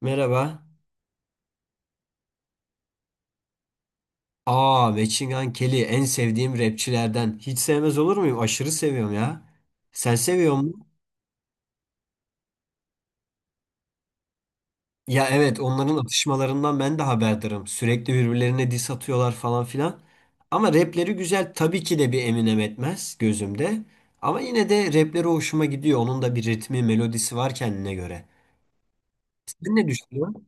Merhaba. Aa, Machine Gun Kelly en sevdiğim rapçilerden. Hiç sevmez olur muyum? Aşırı seviyorum ya. Sen seviyor musun? Ya evet onların atışmalarından ben de haberdarım. Sürekli birbirlerine diss atıyorlar falan filan. Ama rapleri güzel. Tabii ki de bir Eminem etmez gözümde. Ama yine de rapleri hoşuma gidiyor. Onun da bir ritmi, melodisi var kendine göre. Sen ne düşünüyorsun?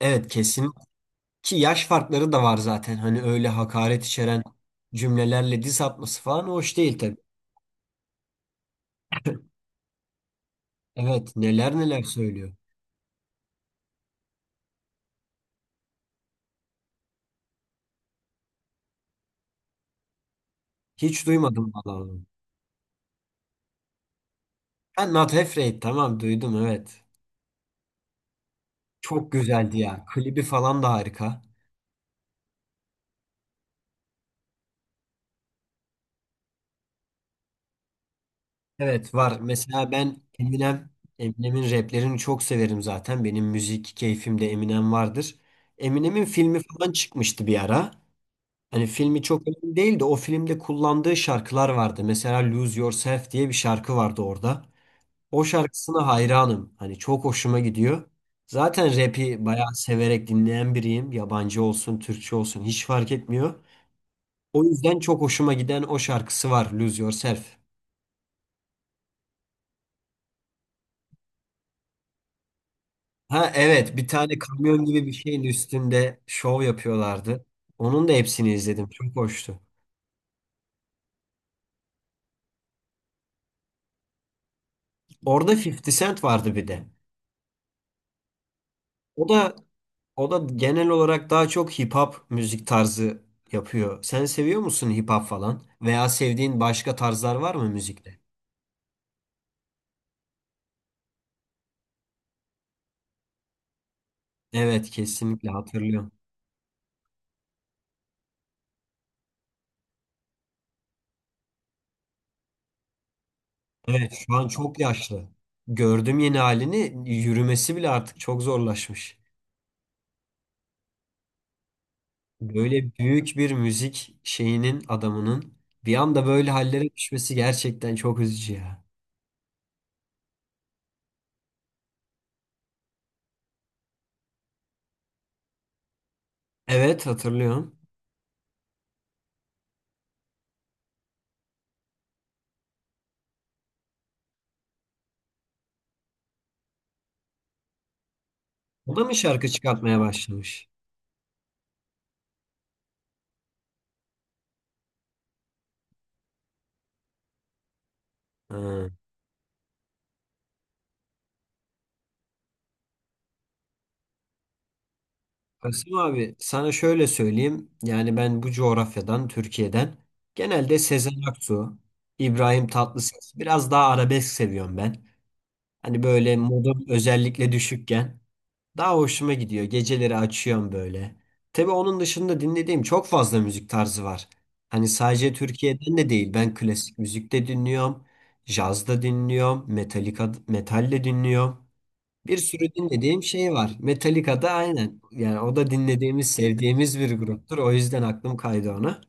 Evet kesin. Ki yaş farkları da var zaten. Hani öyle hakaret içeren cümlelerle diss atması falan hoş değil tabii. Evet neler neler söylüyor. Hiç duymadım vallahi. Ben Not Afraid tamam duydum evet. Çok güzeldi ya. Klibi falan da harika. Evet var. Mesela ben Eminem, Eminem'in raplerini çok severim zaten. Benim müzik keyfimde Eminem vardır. Eminem'in filmi falan çıkmıştı bir ara. Hani filmi çok önemli değil de o filmde kullandığı şarkılar vardı. Mesela Lose Yourself diye bir şarkı vardı orada. O şarkısına hayranım. Hani çok hoşuma gidiyor. Zaten rap'i bayağı severek dinleyen biriyim. Yabancı olsun, Türkçe olsun hiç fark etmiyor. O yüzden çok hoşuma giden o şarkısı var, Lose Yourself. Ha evet, bir tane kamyon gibi bir şeyin üstünde şov yapıyorlardı. Onun da hepsini izledim. Çok hoştu. Orada 50 Cent vardı bir de. O da o da genel olarak daha çok hip hop müzik tarzı yapıyor. Sen seviyor musun hip hop falan? Veya sevdiğin başka tarzlar var mı müzikte? Evet kesinlikle hatırlıyorum. Evet şu an çok yaşlı. Gördüm yeni halini yürümesi bile artık çok zorlaşmış. Böyle büyük bir müzik şeyinin adamının bir anda böyle hallere düşmesi gerçekten çok üzücü ya. Evet hatırlıyorum. O da mı şarkı çıkartmaya başlamış? Ha. Kasım abi sana şöyle söyleyeyim. Yani ben bu coğrafyadan Türkiye'den genelde Sezen Aksu, İbrahim Tatlıses biraz daha arabesk seviyorum ben. Hani böyle modum özellikle düşükken daha hoşuma gidiyor. Geceleri açıyorum böyle. Tabii onun dışında dinlediğim çok fazla müzik tarzı var. Hani sadece Türkiye'den de değil. Ben klasik müzik de dinliyorum. Caz da dinliyorum. Metallica, metal de dinliyorum. Bir sürü dinlediğim şey var. Metallica da aynen. Yani o da dinlediğimiz, sevdiğimiz bir gruptur. O yüzden aklım kaydı ona.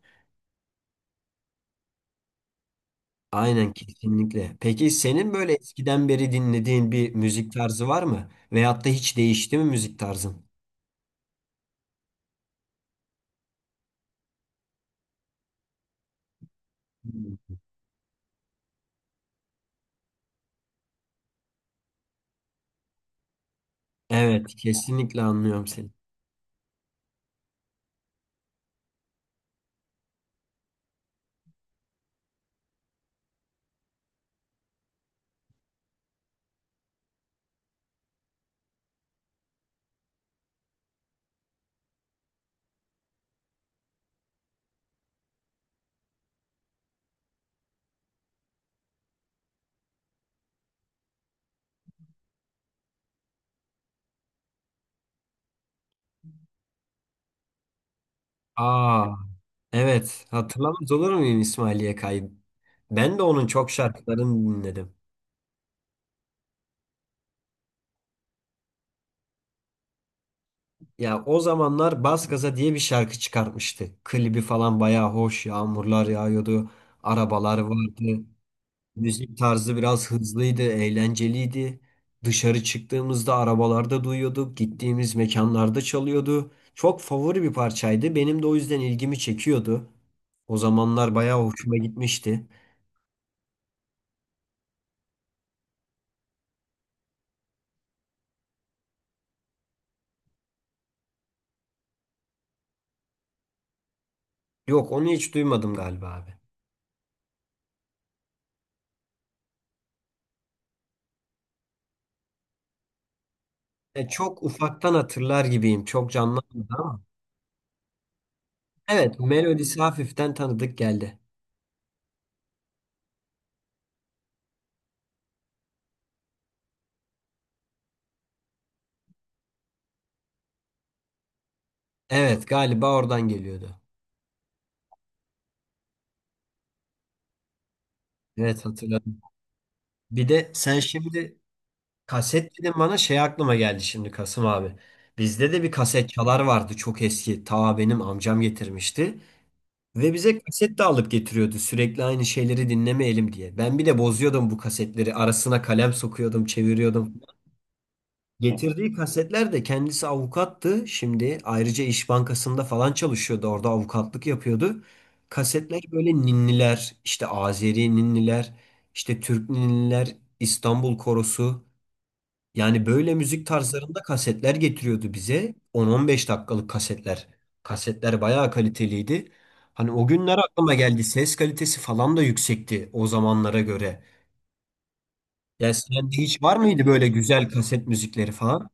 Aynen kesinlikle. Peki senin böyle eskiden beri dinlediğin bir müzik tarzı var mı? Veyahut da hiç değişti mi müzik tarzın? Hmm. Evet, kesinlikle anlıyorum seni. Aa, evet. Hatırlamaz olur muyum İsmail Yakay'ı? Ben de onun çok şarkılarını dinledim. Ya o zamanlar Bas Gaza diye bir şarkı çıkartmıştı. Klibi falan bayağı hoş, yağmurlar yağıyordu, arabalar vardı. Müzik tarzı biraz hızlıydı, eğlenceliydi. Dışarı çıktığımızda arabalarda duyuyorduk, gittiğimiz mekanlarda çalıyordu. Çok favori bir parçaydı. Benim de o yüzden ilgimi çekiyordu. O zamanlar bayağı hoşuma gitmişti. Yok, onu hiç duymadım galiba abi. E, çok ufaktan hatırlar gibiyim. Çok canlanmadı ama. Evet, melodisi hafiften tanıdık geldi. Evet, galiba oradan geliyordu. Evet hatırladım. Bir de sen şimdi kaset dedim bana şey aklıma geldi şimdi Kasım abi. Bizde de bir kaset çalar vardı çok eski. Ta benim amcam getirmişti. Ve bize kaset de alıp getiriyordu sürekli aynı şeyleri dinlemeyelim diye. Ben bir de bozuyordum bu kasetleri. Arasına kalem sokuyordum, çeviriyordum. Getirdiği kasetler de kendisi avukattı. Şimdi ayrıca İş Bankası'nda falan çalışıyordu. Orada avukatlık yapıyordu. Kasetler böyle ninniler, işte Azeri ninniler, işte Türk ninniler, İstanbul Korosu. Yani böyle müzik tarzlarında kasetler getiriyordu bize. 10-15 dakikalık kasetler. Kasetler bayağı kaliteliydi. Hani o günler aklıma geldi. Ses kalitesi falan da yüksekti o zamanlara göre. Ya sende hiç var mıydı böyle güzel kaset müzikleri falan?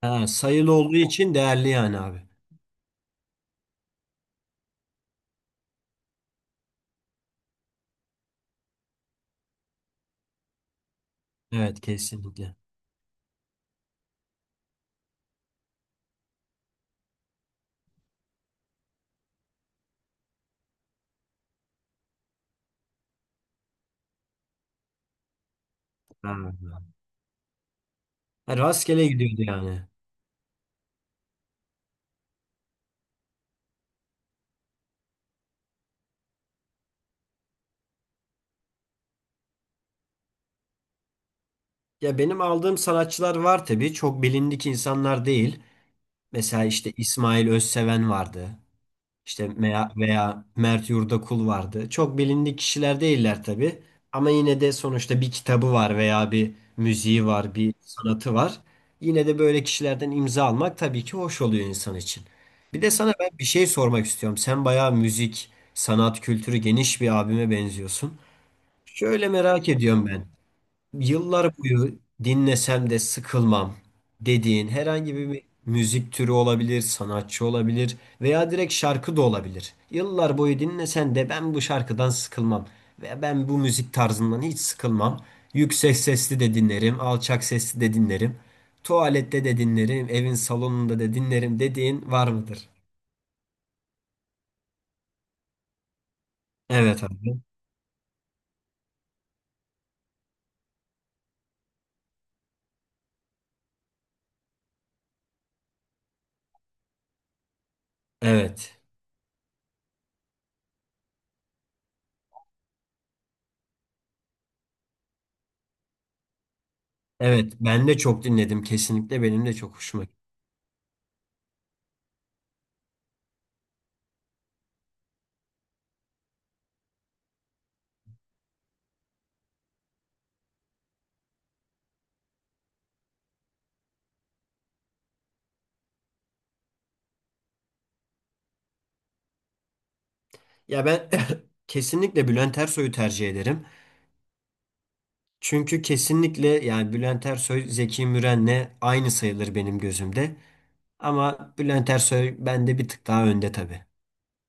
Ha, sayılı olduğu için değerli yani abi. Evet kesinlikle. Ha. Ha, rastgele gidiyordu yani. Ya benim aldığım sanatçılar var tabii. Çok bilindik insanlar değil. Mesela işte İsmail Özseven vardı. İşte veya Mert Yurdakul vardı. Çok bilindik kişiler değiller tabii. Ama yine de sonuçta bir kitabı var veya bir müziği var, bir sanatı var. Yine de böyle kişilerden imza almak tabii ki hoş oluyor insan için. Bir de sana ben bir şey sormak istiyorum. Sen bayağı müzik, sanat, kültürü geniş bir abime benziyorsun. Şöyle merak ediyorum ben. Yıllar boyu dinlesem de sıkılmam dediğin herhangi bir müzik türü olabilir, sanatçı olabilir veya direkt şarkı da olabilir. Yıllar boyu dinlesen de ben bu şarkıdan sıkılmam ve ben bu müzik tarzından hiç sıkılmam. Yüksek sesli de dinlerim, alçak sesli de dinlerim. Tuvalette de dinlerim, evin salonunda da dinlerim dediğin var mıdır? Evet abi. Evet. Evet, ben de çok dinledim kesinlikle benim de çok hoşuma. Ya ben kesinlikle Bülent Ersoy'u tercih ederim. Çünkü kesinlikle yani Bülent Ersoy Zeki Müren'le aynı sayılır benim gözümde. Ama Bülent Ersoy bende bir tık daha önde tabii.